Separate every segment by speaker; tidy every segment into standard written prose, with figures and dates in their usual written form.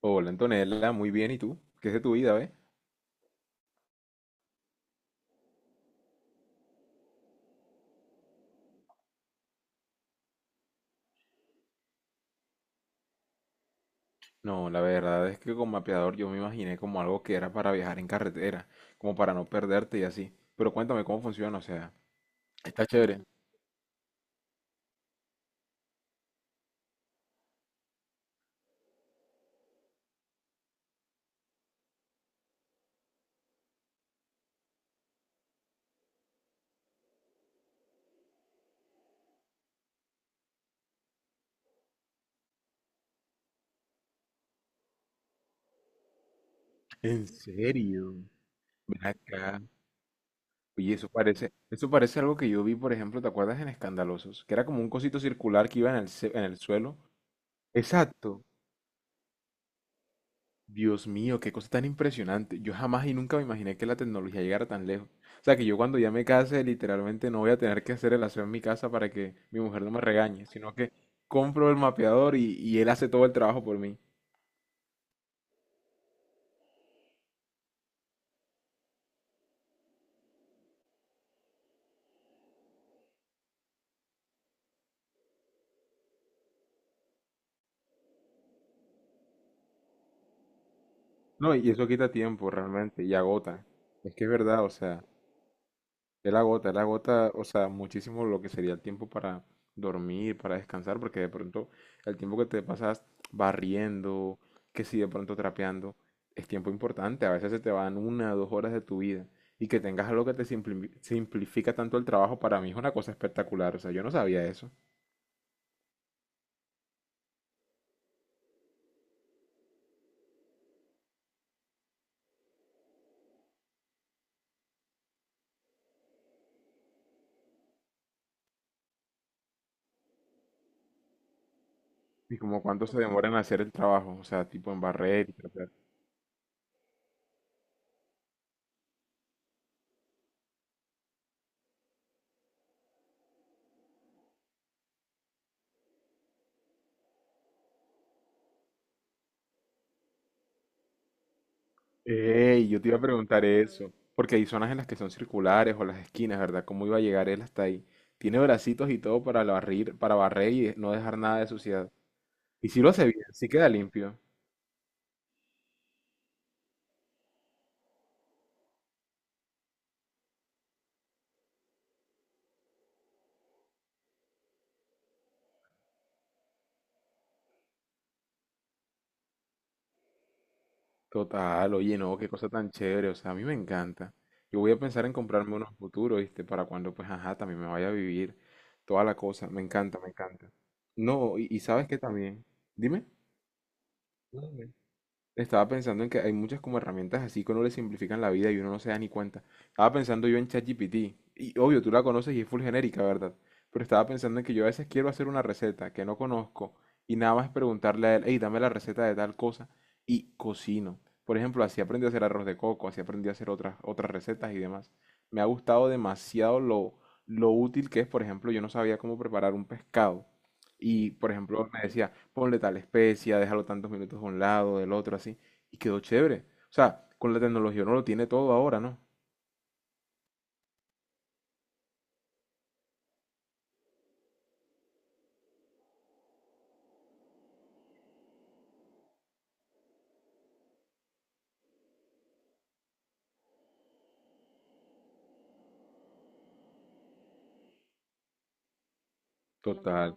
Speaker 1: Hola Antonella, muy bien, ¿y tú? ¿Qué es de tu vida, ve? No, la verdad es que con mapeador yo me imaginé como algo que era para viajar en carretera, como para no perderte y así. Pero cuéntame cómo funciona, o sea, está chévere. ¿En serio? Ven acá. Oye, eso parece algo que yo vi, por ejemplo, ¿te acuerdas en Escandalosos? Que era como un cosito circular que iba en el, en el suelo. Exacto. Dios mío, qué cosa tan impresionante. Yo jamás y nunca me imaginé que la tecnología llegara tan lejos. O sea, que yo cuando ya me case, literalmente no voy a tener que hacer el aseo en mi casa para que mi mujer no me regañe, sino que compro el mapeador y él hace todo el trabajo por mí. No, y eso quita tiempo realmente y agota. Es que es verdad, o sea, él agota, él agota, o sea, muchísimo lo que sería el tiempo para dormir, para descansar, porque de pronto el tiempo que te pasas barriendo, que si de pronto trapeando, es tiempo importante. A veces se te van una o 2 horas de tu vida. Y que tengas algo que te simplifica tanto el trabajo, para mí es una cosa espectacular. O sea, yo no sabía eso. Y como cuánto se demora en hacer el trabajo, o sea, tipo en barrer y trapear. Ey, yo te iba a preguntar eso, porque hay zonas en las que son circulares o las esquinas, ¿verdad? ¿Cómo iba a llegar él hasta ahí? Tiene bracitos y todo para para barrer y no dejar nada de suciedad. Y si lo hace bien, sí queda limpio. Total, oye, no, qué cosa tan chévere, o sea, a mí me encanta. Yo voy a pensar en comprarme unos futuros, ¿viste? Para cuando, pues, ajá, también me vaya a vivir toda la cosa. Me encanta, me encanta. No, y ¿sabes qué también? Dime. No, dime. Estaba pensando en que hay muchas como herramientas así que uno le simplifican la vida y uno no se da ni cuenta. Estaba pensando yo en ChatGPT. Y obvio, tú la conoces y es full genérica, ¿verdad? Pero estaba pensando en que yo a veces quiero hacer una receta que no conozco y nada más preguntarle a él, hey, dame la receta de tal cosa y cocino. Por ejemplo, así aprendí a hacer arroz de coco, así aprendí a hacer otras recetas y demás. Me ha gustado demasiado lo útil que es, por ejemplo, yo no sabía cómo preparar un pescado y, por ejemplo, me decía, ponle tal especia, déjalo tantos minutos de un lado, del otro, así. Y quedó chévere. O sea, con la tecnología uno lo tiene todo ahora, ¿no? Total.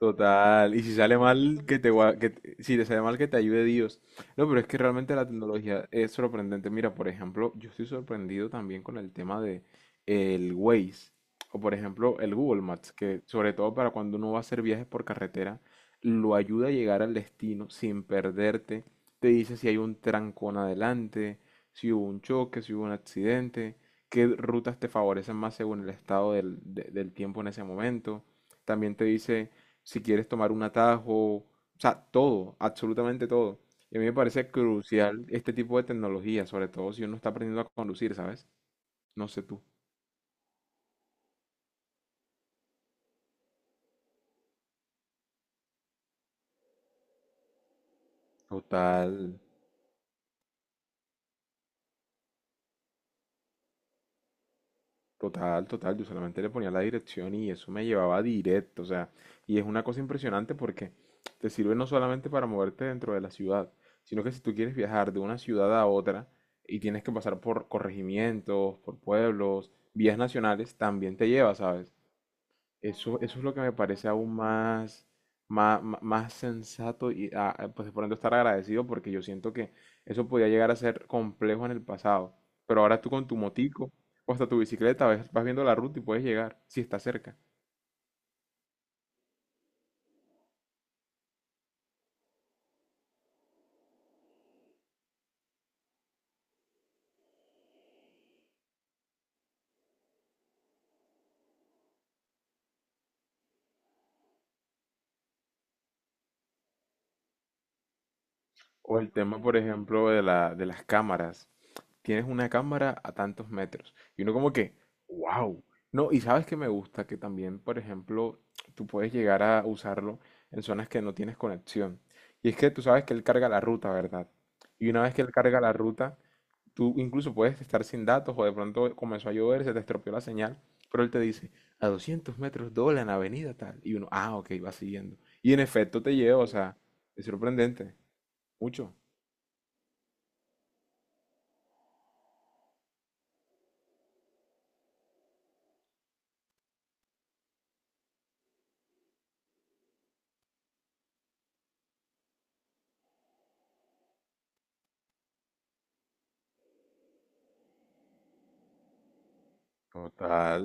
Speaker 1: Total, y si sale mal, que te, gua- que te- si te sale mal, que te ayude Dios. No, pero es que realmente la tecnología es sorprendente. Mira, por ejemplo, yo estoy sorprendido también con el tema de el Waze, o por ejemplo, el Google Maps, que sobre todo para cuando uno va a hacer viajes por carretera, lo ayuda a llegar al destino sin perderte. Te dice si hay un trancón adelante, si hubo un choque, si hubo un accidente, qué rutas te favorecen más según el estado del tiempo en ese momento. También te dice si quieres tomar un atajo, o sea, todo, absolutamente todo. Y a mí me parece crucial este tipo de tecnología, sobre todo si uno está aprendiendo a conducir, ¿sabes? No sé tú. Total, total, total. Yo solamente le ponía la dirección y eso me llevaba directo, o sea, y es una cosa impresionante porque te sirve no solamente para moverte dentro de la ciudad, sino que si tú quieres viajar de una ciudad a otra y tienes que pasar por corregimientos, por pueblos, vías nacionales, también te lleva, ¿sabes? Eso es lo que me parece aún más, más, sensato y ah, ah, pues por ende estar agradecido porque yo siento que eso podía llegar a ser complejo en el pasado. Pero ahora tú con tu motico o hasta tu bicicleta vas viendo la ruta y puedes llegar si está cerca. O el tema, por ejemplo, de las cámaras. Tienes una cámara a tantos metros. Y uno como que, wow. No, y sabes que me gusta que también, por ejemplo, tú puedes llegar a usarlo en zonas que no tienes conexión. Y es que tú sabes que él carga la ruta, ¿verdad? Y una vez que él carga la ruta, tú incluso puedes estar sin datos o de pronto comenzó a llover, se te estropeó la señal, pero él te dice, a 200 metros dobla en avenida tal. Y uno, ah, ok, va siguiendo. Y en efecto te lleva, o sea, es sorprendente, mucho. Total.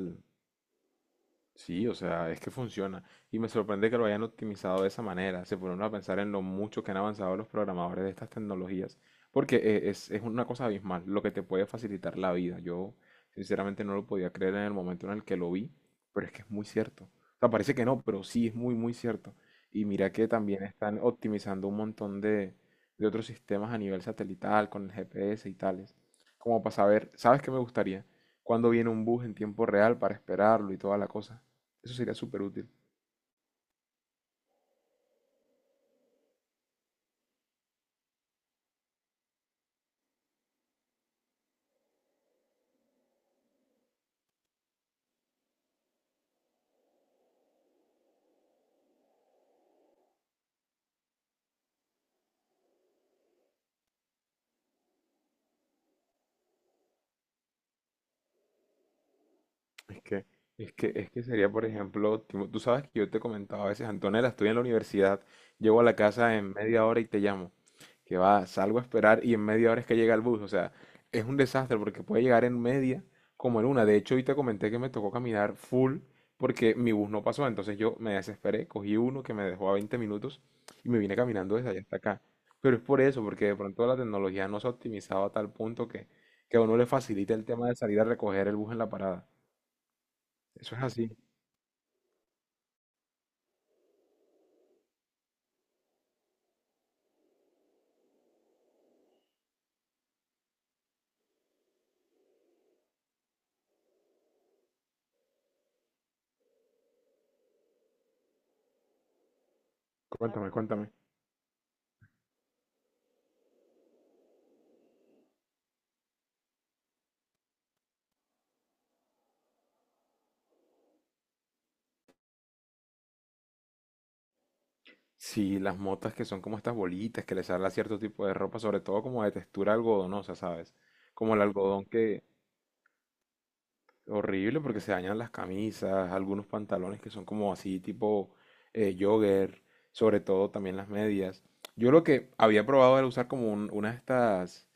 Speaker 1: Sí, o sea, es que funciona. Y me sorprende que lo hayan optimizado de esa manera. Se ponen a pensar en lo mucho que han avanzado los programadores de estas tecnologías. Porque es una cosa abismal, lo que te puede facilitar la vida. Yo sinceramente no lo podía creer en el momento en el que lo vi, pero es que es muy cierto. O sea, parece que no, pero sí es muy, muy cierto. Y mira que también están optimizando un montón de otros sistemas a nivel satelital, con el GPS y tales. Como para saber, ¿sabes qué me gustaría? ¿Cuándo viene un bus en tiempo real para esperarlo y toda la cosa? Eso sería súper útil. Es que, es que sería, por ejemplo, tipo, tú sabes que yo te comentaba a veces, Antonella, estoy en la universidad, llego a la casa en media hora y te llamo. Que va, salgo a esperar y en media hora es que llega el bus. O sea, es un desastre porque puede llegar en media como en una. De hecho, hoy te comenté que me tocó caminar full porque mi bus no pasó. Entonces yo me desesperé, cogí uno que me dejó a 20 minutos y me vine caminando desde allá hasta acá. Pero es por eso, porque de pronto la tecnología no se ha optimizado a tal punto que a uno le facilita el tema de salir a recoger el bus en la parada. Eso es así. Cuéntame, cuéntame. Sí, las motas que son como estas bolitas que les sale a cierto tipo de ropa, sobre todo como de textura algodonosa, ¿sabes? Como el algodón que... Horrible porque se dañan las camisas, algunos pantalones que son como así tipo jogger, sobre todo también las medias. Yo lo que había probado era usar como una de estas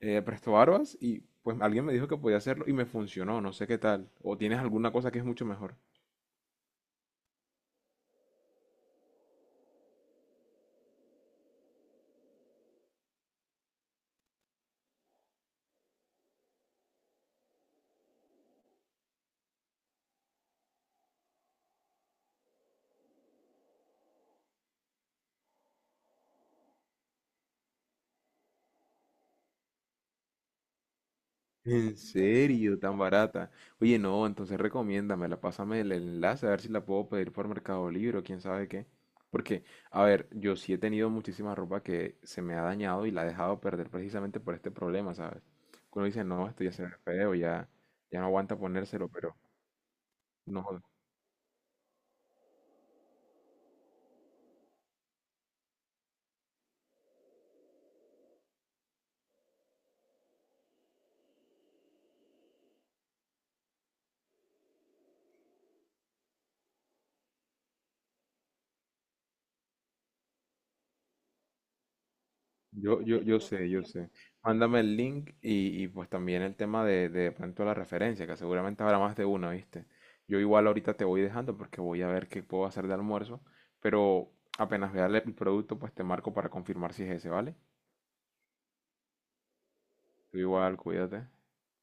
Speaker 1: prestobarbas y pues alguien me dijo que podía hacerlo y me funcionó, no sé qué tal. ¿O tienes alguna cosa que es mucho mejor? ¿En serio? Tan barata. Oye, no, entonces recomiéndamela, pásame el enlace a ver si la puedo pedir por Mercado Libre o quién sabe qué. Porque, a ver, yo sí he tenido muchísima ropa que se me ha dañado y la he dejado perder precisamente por este problema, ¿sabes? Uno dice, no, esto ya se ve feo, ya, ya no aguanta ponérselo, pero no. Yo sé. Mándame el link y, pues también el tema de pronto la referencia, que seguramente habrá más de una, ¿viste? Yo igual ahorita te voy dejando porque voy a ver qué puedo hacer de almuerzo, pero apenas vea el producto, pues te marco para confirmar si es ese, ¿vale? Tú igual, cuídate.